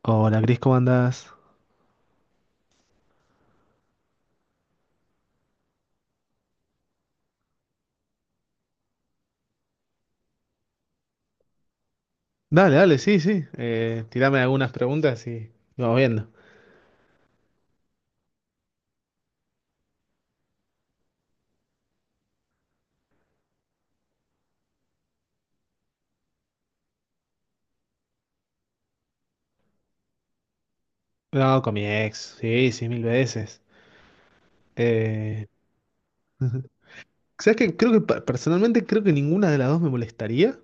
Hola, Cris, ¿cómo andás? Dale, dale, sí, sí. Tirame algunas preguntas y lo vamos viendo. No, con mi ex, sí, sí, mil veces. Eh, ¿Sabes qué? Creo que personalmente creo que ninguna de las dos me molestaría.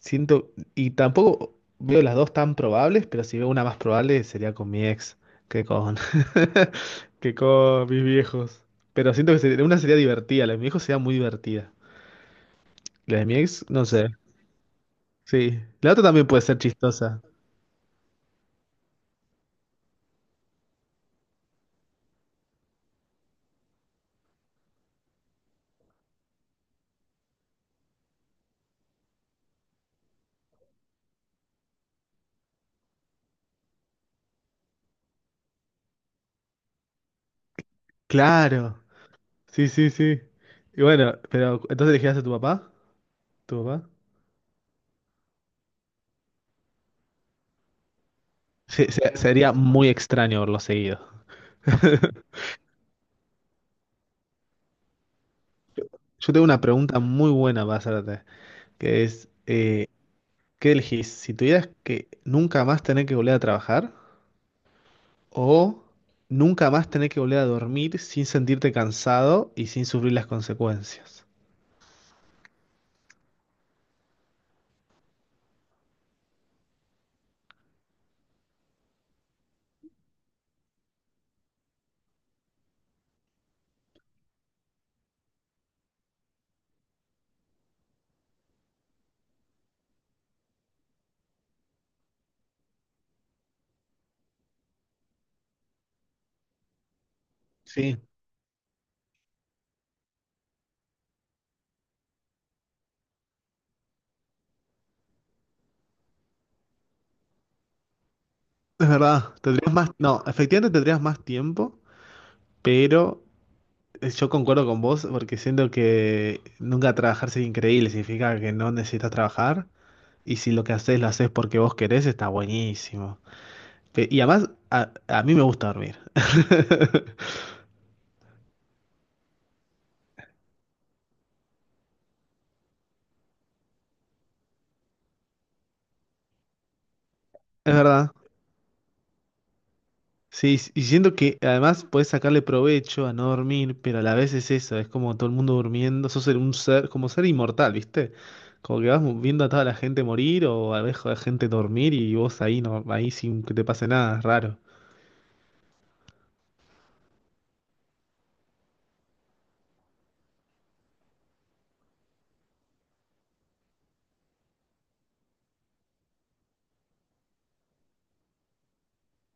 Siento, y tampoco veo las dos tan probables, pero si veo una más probable sería con mi ex que con, que con mis viejos. Pero siento que una sería divertida, la de mi viejo sería muy divertida. La de mi ex, no sé. Sí. La otra también puede ser chistosa. Claro. Sí, sí, sí. Y bueno, pero entonces elegirías a tu papá, tu papá. Sería muy extraño verlo seguido. Yo tengo una pregunta muy buena para hacerte, que es, ¿qué elegís? Si tuvieras que nunca más tener que volver a trabajar o nunca más tener que volver a dormir sin sentirte cansado y sin sufrir las consecuencias. Sí, es verdad. Tendrías más, no, efectivamente tendrías más tiempo, pero yo concuerdo con vos porque siento que nunca trabajar es increíble, significa que no necesitas trabajar y si lo que haces lo haces porque vos querés, está buenísimo. Y además, a mí me gusta dormir. Es verdad. Sí, y siento que además podés sacarle provecho a no dormir, pero a la vez es eso, es como todo el mundo durmiendo, sos un ser, como ser inmortal, ¿viste? Como que vas viendo a toda la gente morir o a la vez a la gente dormir y vos ahí no, ahí sin que te pase nada, es raro.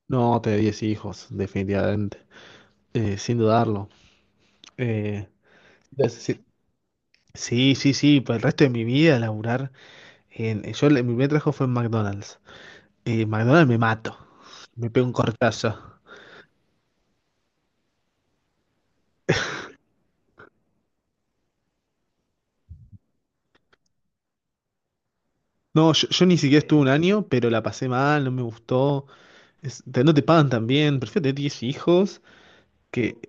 No, te 10 hijos, definitivamente. Sin dudarlo. Eh, sí, sí, sí, sí, por el resto de mi vida laburar Yo, mi primer trabajo fue en McDonald's. McDonald's me mato. Me pego un cortazo. No, yo ni siquiera estuve un año, pero la pasé mal, no me gustó. No te pagan tan bien, prefiero tener 10 hijos que.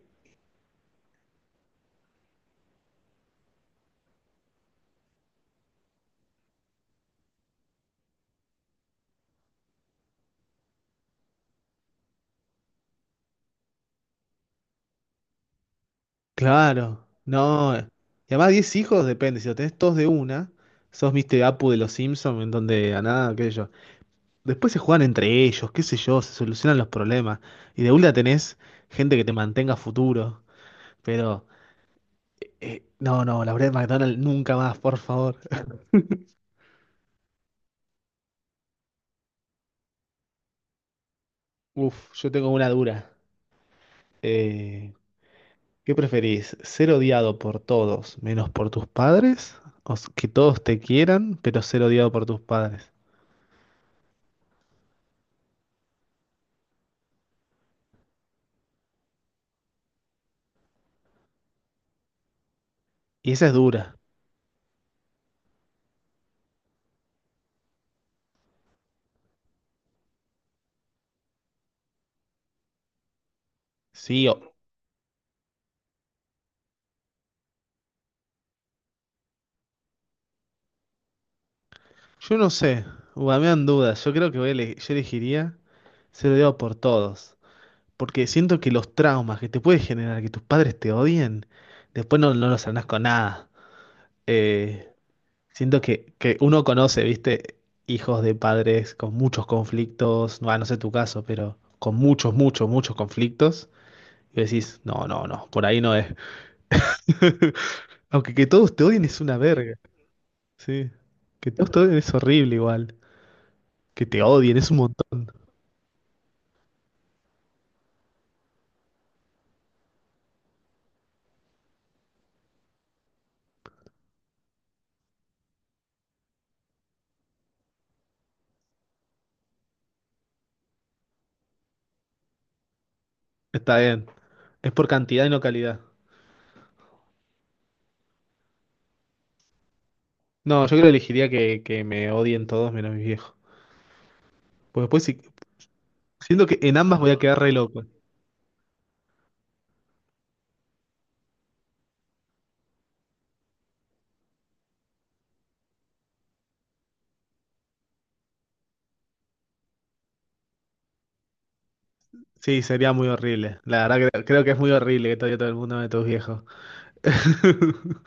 Claro, no. Y además 10 hijos depende, si lo tenés todos de una, sos Mr. Apu de los Simpsons, en donde a nada, qué sé yo. Después se juegan entre ellos, qué sé yo, se solucionan los problemas. Y de una tenés gente que te mantenga a futuro. Pero, no, no, la verdad McDonald's nunca más, por favor. Uf, yo tengo una dura. Eh, ¿Qué preferís? ¿Ser odiado por todos menos por tus padres? ¿O que todos te quieran, pero ser odiado por tus padres? Y esa es dura. Sí, yo no sé. Ua, me dan dudas. Yo creo que yo elegiría ser odiado por todos. Porque siento que los traumas que te puede generar que tus padres te odien, después no, no los sanás con nada. Eh, Siento que uno conoce, viste, hijos de padres con muchos conflictos, no, ah, no sé tu caso, pero con muchos, muchos, muchos conflictos. Y decís, no, no, no, por ahí no es. Aunque que todos te odien es una verga, sí. Que todos te odien es horrible igual. Que te odien es un montón. Está bien. Es por cantidad y no calidad. No, yo creo que elegiría que me odien todos menos mis viejos. Pues después siento que en ambas voy a quedar re loco. Sí, sería muy horrible. La verdad que creo que es muy horrible que todavía todo el mundo de tus viejos.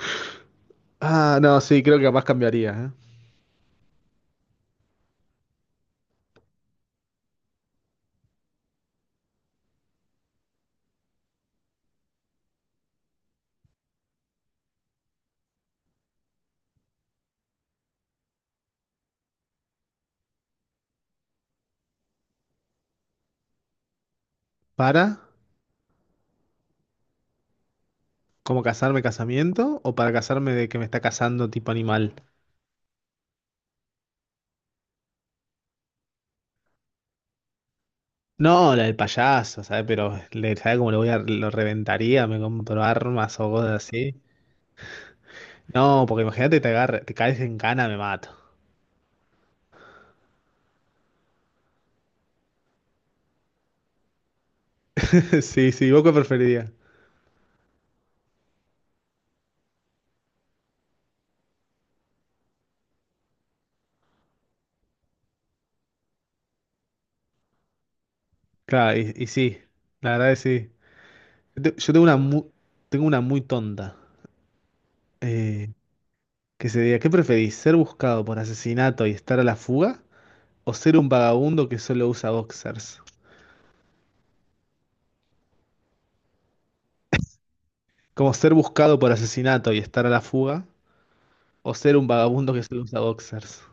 Ah, no, sí, creo que capaz cambiaría, ¿eh? ¿Para? ¿Cómo casarme casamiento? ¿O para casarme de que me está casando tipo animal? No, la del payaso, ¿sabes? Pero le, ¿sabes cómo lo reventaría? Me compro armas o cosas así. No, porque imagínate te agarre, te caes en cana, me mato. Sí, sí, ¿vos qué preferirías? Claro, y sí, la verdad es sí. Yo tengo una muy tonta. eh, que sería, ¿qué preferís? ¿Ser buscado por asesinato y estar a la fuga? ¿O ser un vagabundo que solo usa boxers? Como ser buscado por asesinato y estar a la fuga. ¿O ser un vagabundo que solo usa boxers?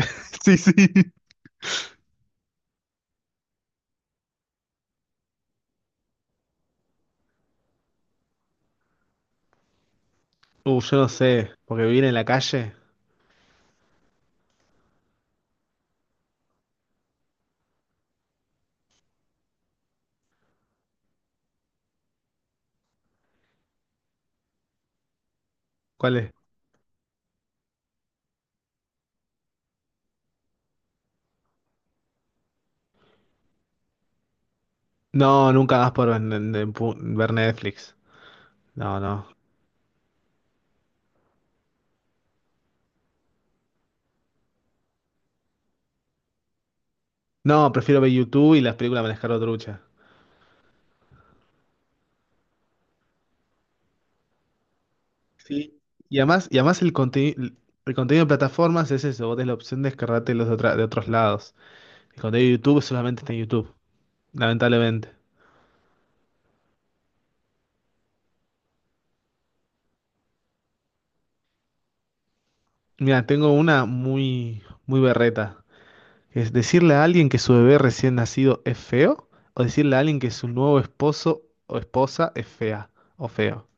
Sí, sí. Yo no sé, porque vivir en la calle, ¿cuál es? No, nunca más por ver Netflix. No, no. No, prefiero ver YouTube y las películas manejar trucha. Sí. Y además, el contenido de plataformas es eso, vos tenés la opción de descargártelos de otros lados. El contenido de YouTube solamente está en YouTube, lamentablemente. Mira, tengo una muy, muy berreta, que es decirle a alguien que su bebé recién nacido es feo, o decirle a alguien que su nuevo esposo o esposa es fea o feo.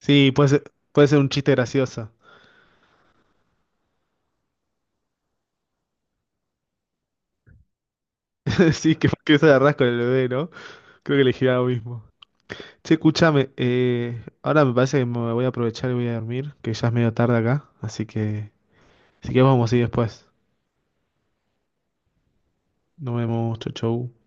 Sí, puede ser un chiste gracioso. Sí, que se agarrás con el bebé, ¿no? Creo que elegirá lo mismo. Sí, escúchame, ahora me parece que me voy a aprovechar y voy a dormir, que ya es medio tarde acá, así que si que vamos a ir después. Nos vemos, chau chau.